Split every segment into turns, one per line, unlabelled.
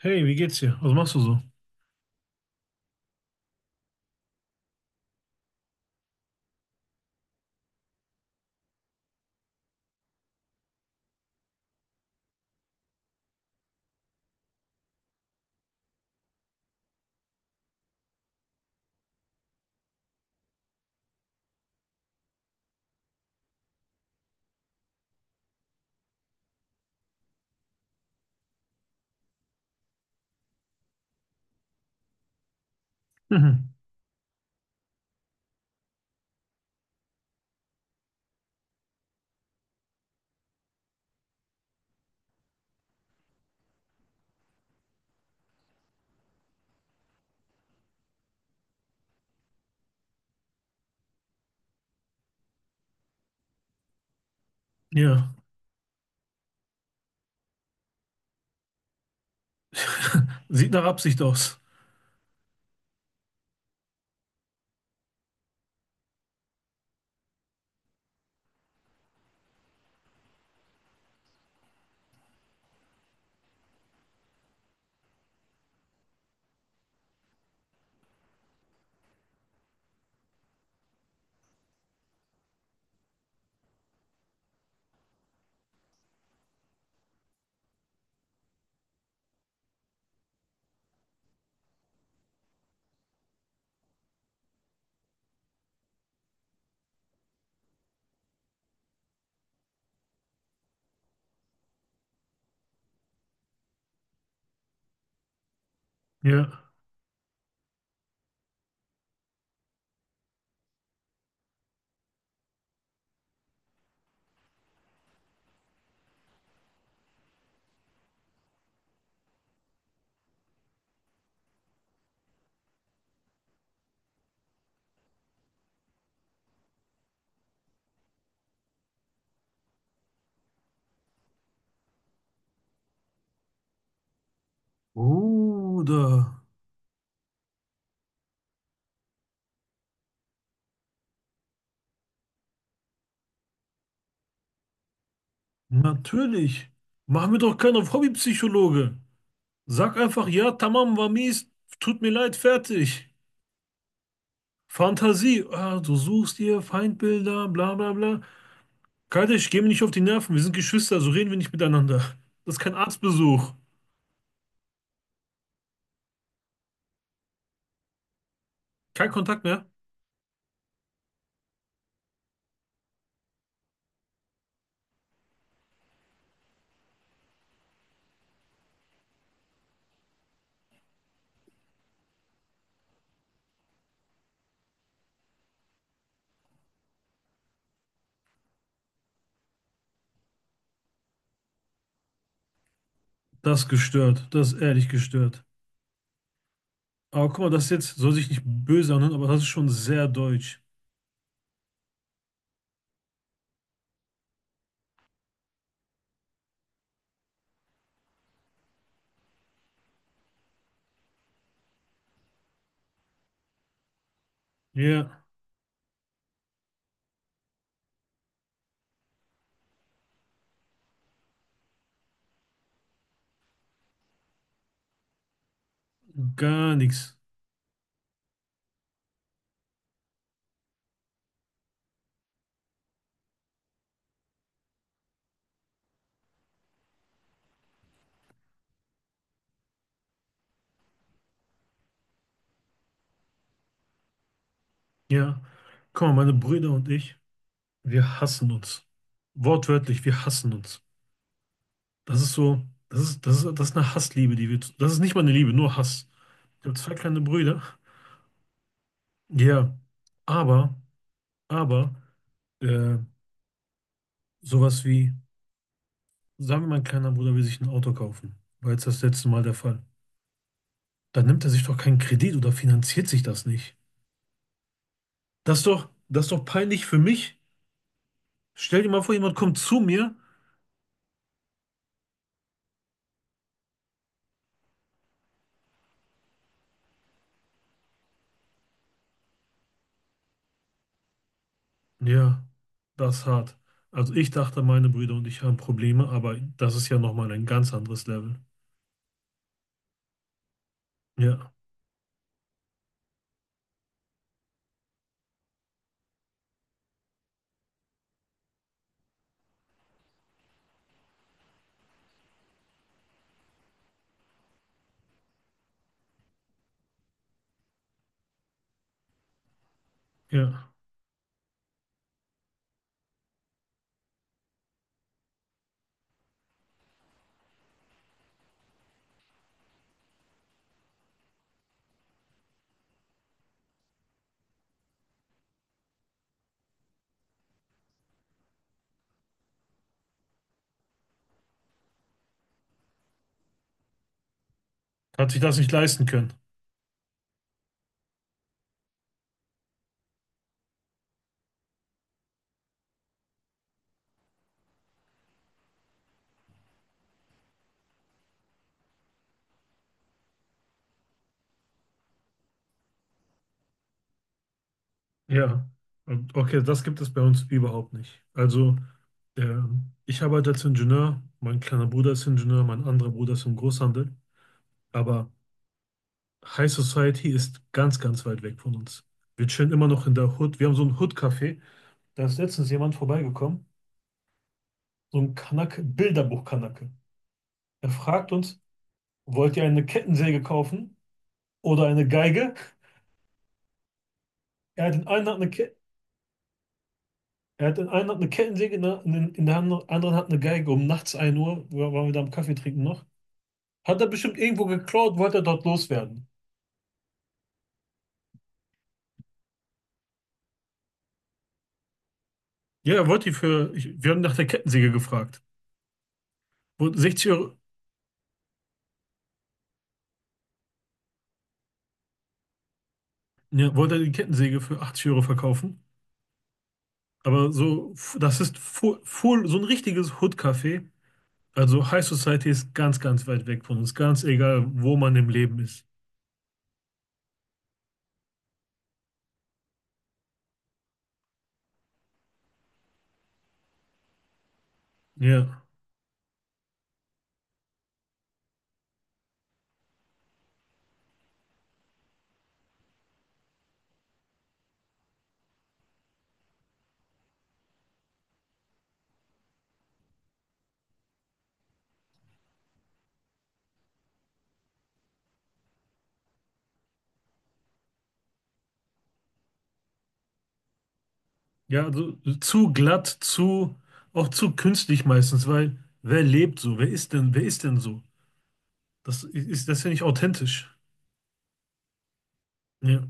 Hey, wie geht's dir? Was machst du so? Mhm. Ja. Sieht nach Absicht aus. Ja. Bruder, natürlich. Mach mir doch keinen auf Hobbypsychologe. Sag einfach, ja, tamam, war mies, tut mir leid, fertig. Fantasie, du suchst dir Feindbilder, bla bla bla. Kardeş, geh mir nicht auf die Nerven, wir sind Geschwister, so reden wir nicht miteinander. Das ist kein Arztbesuch. Kein Kontakt mehr. Das ist gestört, das ist ehrlich gestört. Aber guck mal, das ist jetzt, soll sich nicht böse anhören, aber das ist schon sehr deutsch. Ja, gar nichts. Ja. Guck mal, meine Brüder und ich, wir hassen uns. Wortwörtlich, wir hassen uns. Das ist so, das ist eine Hassliebe, das ist nicht mal eine Liebe, nur Hass. Ich habe zwei kleine Brüder. Ja. Aber, aber, äh, sowas wie, sagen wir, mein kleiner Bruder will sich ein Auto kaufen. War jetzt das letzte Mal der Fall. Dann nimmt er sich doch keinen Kredit oder finanziert sich das nicht. Das ist doch peinlich für mich. Stell dir mal vor, jemand kommt zu mir. Ja, das ist hart. Also ich dachte, meine Brüder und ich haben Probleme, aber das ist ja nochmal ein ganz anderes Level. Ja, ja. Hat sich das nicht leisten können. Ja. Und okay, das gibt es bei uns überhaupt nicht. Also, ich arbeite als Ingenieur, mein kleiner Bruder ist Ingenieur, mein anderer Bruder ist im Großhandel. Aber High Society ist ganz, ganz weit weg von uns. Wir chillen immer noch in der Hood. Wir haben so ein Hood-Café. Da ist letztens jemand vorbeigekommen. So ein Kanake, Bilderbuch-Kanake. Er fragt uns, wollt ihr eine Kettensäge kaufen oder eine Geige? Er hat in einer Hand eine, Ke er hat in einer Hand eine Kettensäge, in der anderen Hand eine Geige. Um nachts ein Uhr waren wir da am Kaffee trinken noch. Hat er bestimmt irgendwo geklaut, wollte er dort loswerden. Ja, er wollte die für, ich, wir haben nach der Kettensäge gefragt. Wollte 60 Euro, ja, wollte er die Kettensäge für 80 € verkaufen. Das ist full, so ein richtiges Hood-Café. Also High Society ist ganz, ganz weit weg von uns, ganz egal, wo man im Leben ist. Ja. Ja, also zu glatt, zu, auch zu künstlich meistens, weil wer lebt so? Wer ist denn so? Das ist ja nicht authentisch. Ja,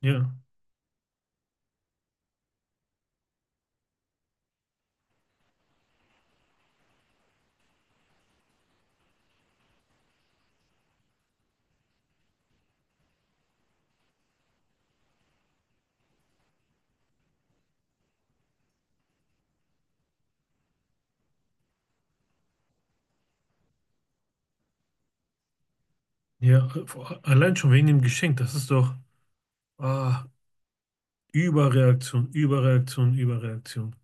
ja, ja. Allein schon wegen dem Geschenk, das ist doch, ah, Überreaktion, Überreaktion, Überreaktion.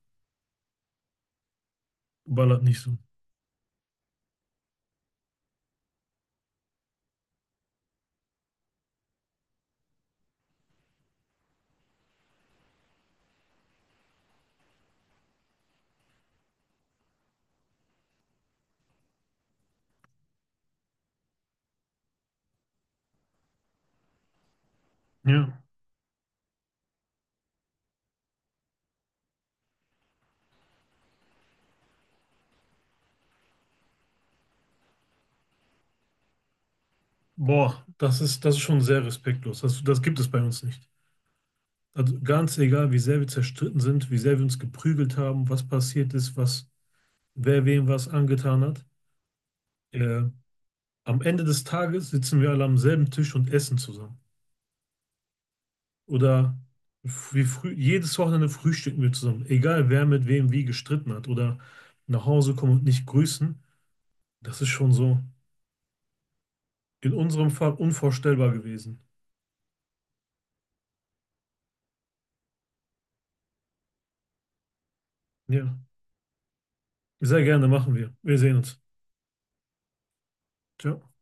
Ballert nicht so. Ja. Boah, das ist schon sehr respektlos. Das gibt es bei uns nicht. Also ganz egal, wie sehr wir zerstritten sind, wie sehr wir uns geprügelt haben, was passiert ist, was, wer wem was angetan hat. Ja. Am Ende des Tages sitzen wir alle am selben Tisch und essen zusammen. Oder wie früh, jedes Wochenende frühstücken wir zusammen. Egal, wer mit wem wie gestritten hat oder nach Hause kommen und nicht grüßen. Das ist schon so in unserem Fall unvorstellbar gewesen. Ja, sehr gerne machen wir. Wir sehen uns. Ciao.